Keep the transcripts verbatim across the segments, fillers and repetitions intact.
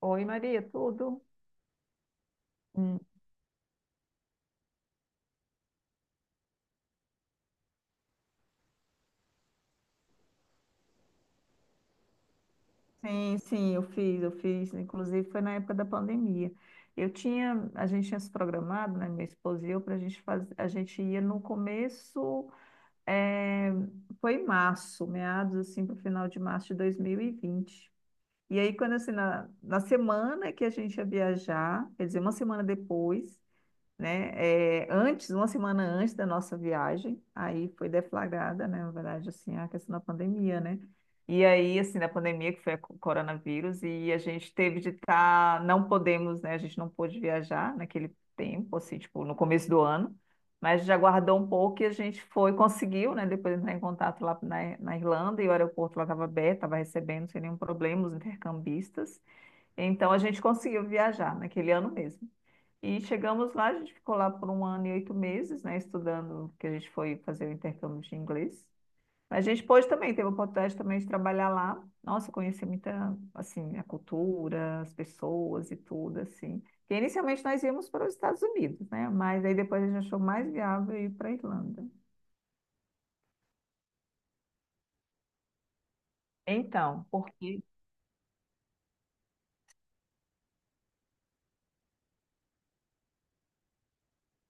Oi, Maria, tudo? Hum. Sim, sim, eu fiz, eu fiz, inclusive foi na época da pandemia. Eu tinha, a gente tinha se programado, né, minha esposa e eu, para a gente fazer. A gente ia no começo, eh, foi em março, meados assim, para o final de março de dois mil e vinte. E vinte. E aí, quando assim, na, na semana que a gente ia viajar, quer dizer, uma semana depois, né? É, antes, uma semana antes da nossa viagem, aí foi deflagrada, né? Na verdade, assim, a questão da pandemia, né? E aí, assim, da pandemia, que foi a co- coronavírus, e a gente teve de estar, não podemos, né? A gente não pôde viajar naquele tempo, assim, tipo, no começo do ano, mas já guardou um pouco e a gente foi, conseguiu, né? Depois entrar em contato lá na, na Irlanda, e o aeroporto lá estava aberto, estava recebendo sem nenhum problema os intercambistas. Então, a gente conseguiu viajar naquele ano mesmo. E chegamos lá, a gente ficou lá por um ano e oito meses, né, estudando, que a gente foi fazer o intercâmbio de inglês. Mas a gente pôde também, teve a oportunidade também de trabalhar lá. Nossa, conheci muita, assim, a cultura, as pessoas e tudo, assim. Porque inicialmente nós íamos para os Estados Unidos, né? Mas aí depois a gente achou mais viável ir para a Irlanda. Então, porque...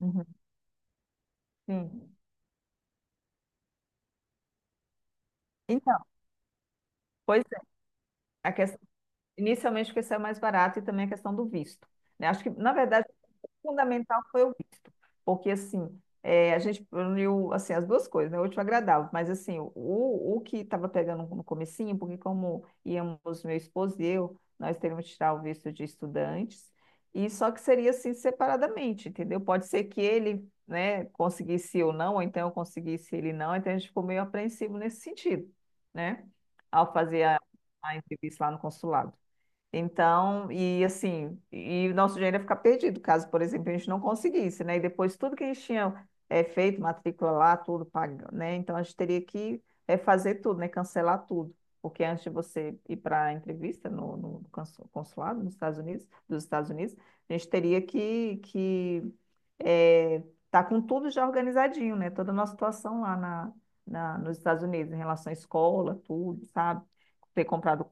Uhum, sim. Então, pois é, a questão, inicialmente porque saiu mais barato, e também a questão do visto. Né? Acho que, na verdade, fundamental foi o visto, porque assim, é, a gente uniu assim as duas coisas, né? O último agradável, mas assim, o, o que estava pegando no comecinho, porque como íamos meu esposo e eu, nós teríamos que tirar o visto de estudantes, e só que seria assim separadamente, entendeu? Pode ser que ele, né, conseguisse eu não, ou então eu conseguisse ele não, então a gente ficou meio apreensivo nesse sentido, né? Ao fazer a, a entrevista lá no consulado. Então, e assim, e o nosso dinheiro ia ficar perdido, caso, por exemplo, a gente não conseguisse, né? E depois tudo que a gente tinha eh, feito, matrícula lá, tudo pago, né? Então a gente teria que eh, fazer tudo, né? Cancelar tudo. Porque antes de você ir para a entrevista no, no consu- consulado nos Estados Unidos, dos Estados Unidos, a gente teria que, que eh, tá com tudo já organizadinho, né? Toda a nossa situação lá na, na, nos Estados Unidos, em relação à escola, tudo, sabe? Ter comprado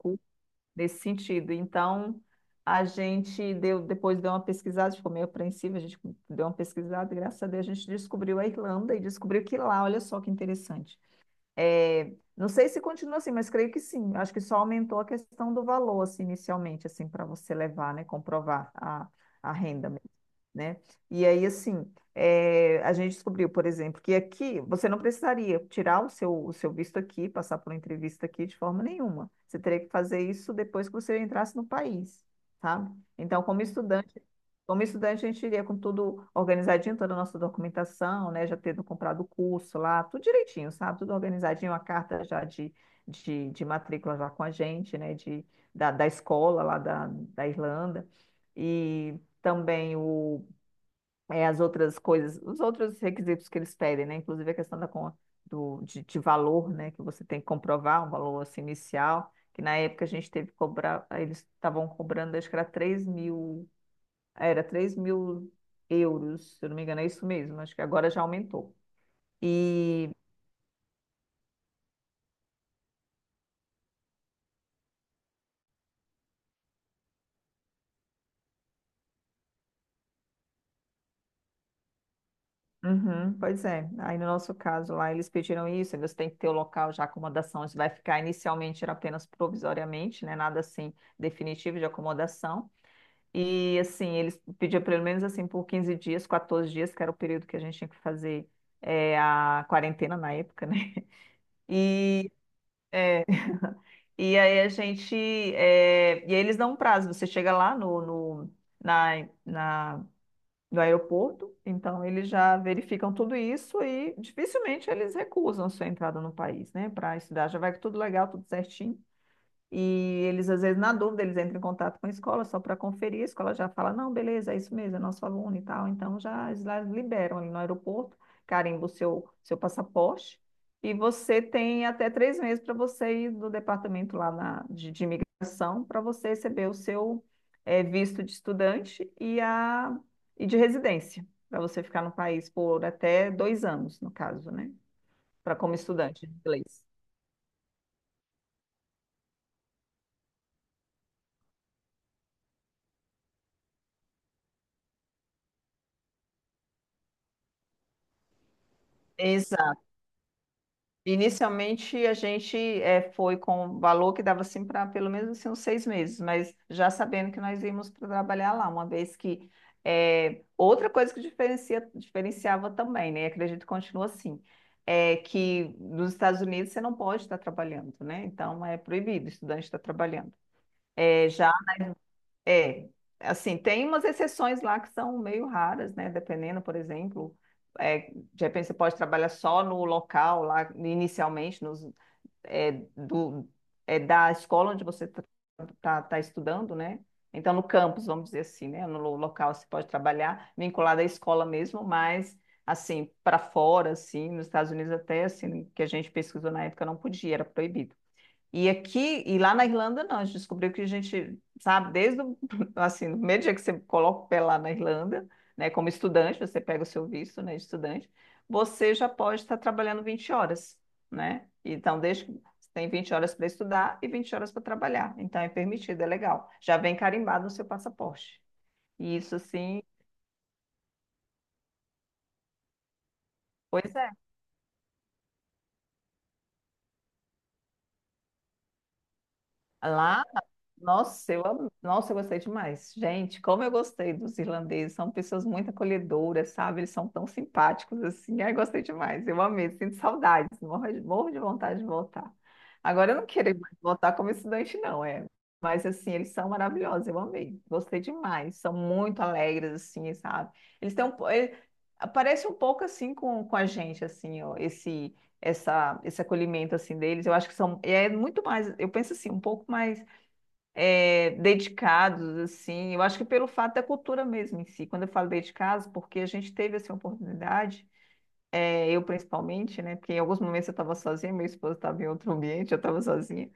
nesse sentido. Então, a gente deu, depois deu uma pesquisada, a gente ficou meio apreensiva, a gente deu uma pesquisada, e graças a Deus a gente descobriu a Irlanda e descobriu que lá, olha só que interessante. É, não sei se continua assim, mas creio que sim. Acho que só aumentou a questão do valor, assim, inicialmente, assim, para você levar, né, comprovar a, a renda, né? E aí, assim, eh, a gente descobriu, por exemplo, que aqui você não precisaria tirar o seu, o seu visto aqui, passar por uma entrevista aqui de forma nenhuma. Você teria que fazer isso depois que você entrasse no país, tá? Então, como estudante, como estudante, a gente iria com tudo organizadinho, toda a nossa documentação, né? Já tendo comprado o curso lá, tudo direitinho, sabe? Tudo organizadinho, a carta já de, de, de matrícula já com a gente, né? De, da, da escola lá da, da Irlanda. E também o é, as outras coisas, os outros requisitos que eles pedem, né? Inclusive a questão da, con- do, de, de valor, né? Que você tem que comprovar um valor assim, inicial, que na época a gente teve que cobrar, aí eles estavam cobrando, acho que era três mil, era três mil euros, se eu não me engano, é isso mesmo, acho que agora já aumentou. E, uhum, pois é, aí no nosso caso lá eles pediram isso, aí você tem que ter o local já, a acomodação, isso vai ficar inicialmente era apenas provisoriamente, né? Nada assim definitivo de acomodação. E assim, eles pediam pelo menos assim por quinze dias, quatorze dias, que era o período que a gente tinha que fazer eh, a quarentena na época, né? E, e aí a gente. Eh, E aí eles dão um prazo, você chega lá no, no, na, na- no aeroporto, então eles já verificam tudo isso e dificilmente eles recusam a sua entrada no país, né? Para estudar, já vai tudo legal, tudo certinho. E eles, às vezes, na dúvida, eles entram em contato com a escola só para conferir. A escola já fala: não, beleza, é isso mesmo, é nosso aluno e tal. Então, já eles lá liberam ali no aeroporto, carimba o seu, seu passaporte. E você tem até três meses para você ir do departamento lá na, de, de imigração para você receber o seu eh, visto de estudante e, a, e de residência, para você ficar no país por até dois anos, no caso, né? Para como estudante de inglês. Ex- Inicialmente a gente eh, foi com o valor que dava assim para pelo menos assim, uns seis meses, mas já sabendo que nós íamos para trabalhar lá, uma vez que eh, outra coisa que diferencia, diferenciava também, né? Acredito que continua assim, é que nos Estados Unidos você não pode estar trabalhando, né? Então é proibido o estudante estar trabalhando. É, já é assim, tem umas exceções lá que são meio raras, né? Dependendo, por exemplo é, de repente você pode trabalhar só no local lá inicialmente, nos, é, do, é, da escola onde você está tá, tá estudando, né? Então, no campus, vamos dizer assim, né? No local você pode trabalhar, vinculado à escola mesmo, mas assim, para fora, assim, nos Estados Unidos até, assim, que a gente pesquisou na época, não podia, era proibido. E aqui, e lá na Irlanda, não, a gente descobriu que a gente, sabe, desde o, assim, no primeiro dia que você coloca o pé lá na Irlanda, né, como estudante, você pega o seu visto, né, de estudante, você já pode estar trabalhando vinte horas, né? Então, desde que você tem vinte horas para estudar e vinte horas para trabalhar. Então, é permitido, é legal. Já vem carimbado no seu passaporte. E isso, assim, pois é. Lá Nossa, eu amo. Nossa, eu gostei demais. Gente, como eu gostei dos irlandeses. São pessoas muito acolhedoras, sabe? Eles são tão simpáticos assim. Ai, gostei demais. Eu amei. Sinto saudades. Morro de, morro de vontade de voltar. Agora eu não quero mais voltar como estudante, não, é. Mas assim, eles são maravilhosos. Eu amei. Gostei demais. São muito alegres, assim, sabe? Eles têm um, po- ele- parece um pouco assim com, com a gente, assim, ó, esse, essa, esse acolhimento assim deles. Eu acho que são. É muito mais. Eu penso assim, um pouco mais é, dedicados, assim. Eu acho que pelo fato da cultura mesmo em si. Quando eu falo dedicados, porque a gente teve essa oportunidade, é, eu principalmente, né? Porque em alguns momentos eu estava sozinha, meu esposo estava em outro ambiente, eu estava sozinha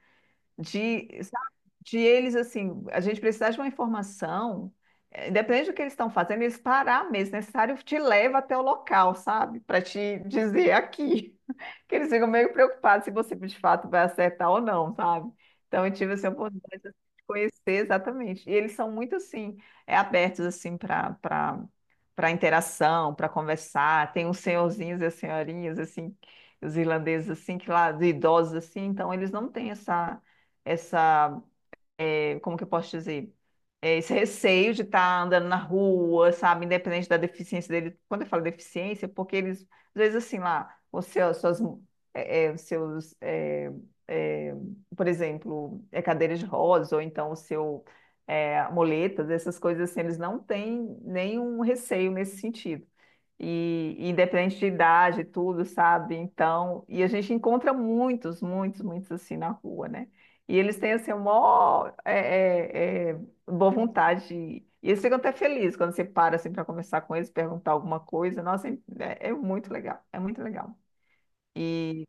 de, sabe, de eles, assim, a gente precisar de uma informação, eh, independente do que eles estão fazendo, eles parar mesmo, se necessário, te leva até o local, sabe? Para te dizer aqui. Que eles ficam meio preocupados se você de fato vai acertar ou não, sabe? Então eu tive essa oportunidade assim, de conhecer exatamente. E eles são muito assim, é, abertos assim para para para interação, para conversar. Tem os senhorzinhos e as senhorinhas assim, os irlandeses assim, que lá, de idosos assim, então eles não têm essa essa, eh, como que eu posso dizer? Eh, esse receio de estar andando na rua, sabe? Independente da deficiência dele. Quando eu falo deficiência, é porque eles, às vezes, assim, lá, os seus, suas, eh, eh, os seus, eh, eh, por exemplo, é cadeira de rodas, ou então o seu, eh, muletas, essas coisas assim, eles não têm nenhum receio nesse sentido. E, e independente de idade, e tudo, sabe? Então, e a gente encontra muitos, muitos, muitos assim na rua, né? E eles têm assim, uma é, é, é, boa vontade. de- E eles ficam até felizes quando você para assim, para conversar com eles, perguntar alguma coisa. Nossa, é, é muito legal, é muito legal. E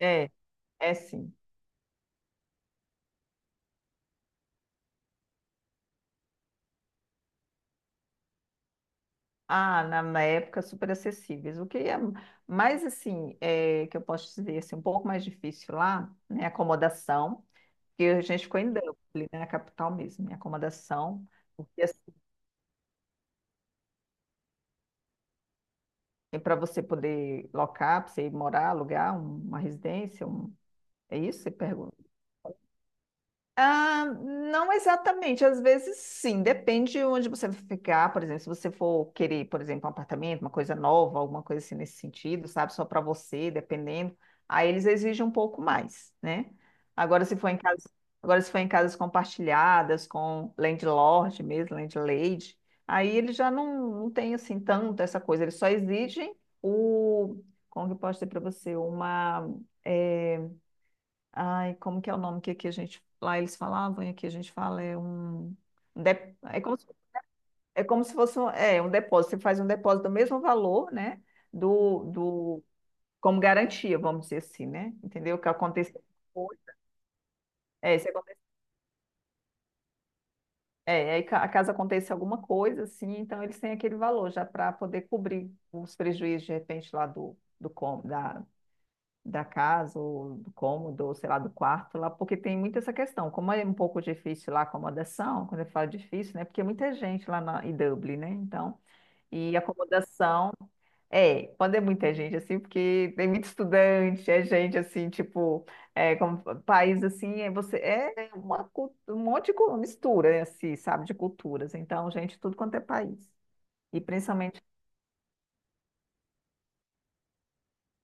é, é sim. Ah, na, na época super acessíveis. O que é mais assim, é, que eu posso dizer assim, um pouco mais difícil lá, né? Acomodação, que a gente ficou em Dublin, né, na capital mesmo, né, acomodação. Porque assim, para você poder locar, para você ir morar, alugar uma residência, um. É isso que você pergunta? Ah, não exatamente, às vezes sim, depende de onde você vai ficar, por exemplo, se você for querer, por exemplo, um apartamento, uma coisa nova, alguma coisa assim nesse sentido, sabe, só para você, dependendo, aí eles exigem um pouco mais, né? Agora se for em casa, agora se for em casas compartilhadas com landlord mesmo, landlady, aí eles já não, não tem assim tanto essa coisa, eles só exigem o, como que eu posso dizer para você, uma eh, Ai, como que é o nome que aqui a gente. Lá eles falavam e aqui a gente fala é um. um dep- É como, se- É como se fosse um, é, um depósito. Você faz um depósito do mesmo valor, né? Do, do, como garantia, vamos dizer assim, né? Entendeu? Que acontece. É, se acontecer, é, aí ca- caso aconteça alguma coisa, assim, então eles têm aquele valor já para poder cobrir os prejuízos, de repente, lá do, do, com- da, da casa, ou do cômodo, ou sei lá, do quarto lá, porque tem muito essa questão. Como é um pouco difícil lá a acomodação, quando eu falo difícil, né? Porque é muita gente lá na, em Dublin, né? Então, e acomodação. É, quando é muita gente, assim, porque tem muito estudante, é gente, assim, tipo, é, como país, assim, é você, é uma, cu- um monte de cu- mistura, né, assim, sabe, de culturas. Então, gente, tudo quanto é país. E principalmente.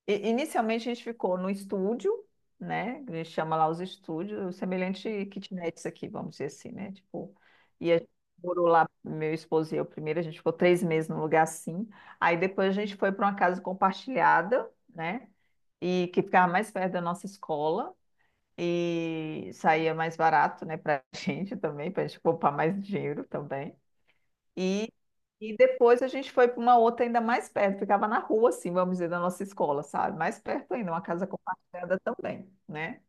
I- Inicialmente a gente ficou no estúdio, né? A gente chama lá os estúdios, semelhante kitnets aqui, vamos dizer assim, né? Tipo, e a gente morou lá, meu esposo e eu primeiro, a gente ficou três meses num lugar assim. Aí depois a gente foi para uma casa compartilhada, né? E que ficava mais perto da nossa escola e saía mais barato, né, para a gente também, para a gente poupar mais dinheiro também. E, e depois a gente foi para uma outra ainda mais perto, ficava na rua, assim, vamos dizer, da nossa escola, sabe? Mais perto ainda, uma casa compartilhada também, né?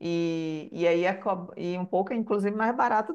E, e aí, aco- e um pouco, inclusive, mais barato.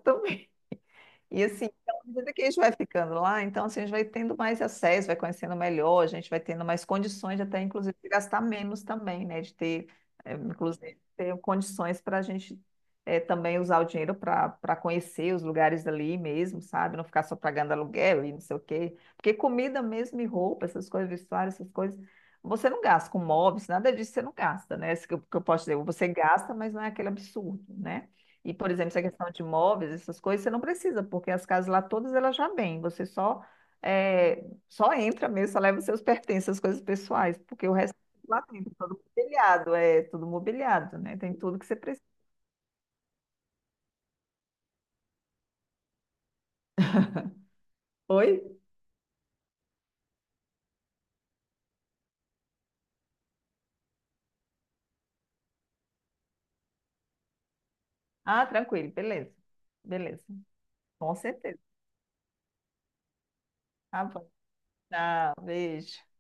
E assim, então, à medida que a gente vai ficando lá, então assim, a gente vai tendo mais acesso, vai conhecendo melhor, a gente vai tendo mais condições de até, inclusive, de gastar menos também, né? De ter, eh, inclusive, ter condições para a gente eh, também usar o dinheiro para para conhecer os lugares ali mesmo, sabe? Não ficar só pagando aluguel e não sei o quê. Porque comida mesmo e roupa, essas coisas, vestuário, essas coisas, você não gasta com móveis, nada disso você não gasta, né? Isso que eu, que eu posso dizer, você gasta, mas não é aquele absurdo, né? E, por exemplo, essa questão de móveis, essas coisas, você não precisa, porque as casas lá todas elas já vêm. Você só é, só entra mesmo, só leva os seus pertences, as coisas pessoais, porque o resto é tudo lá dentro, todo mobiliado, é tudo mobiliado, né? Tem tudo que você precisa. Oi? Ah, tranquilo, beleza. Beleza. Com certeza. Tá bom. Tchau, beijo.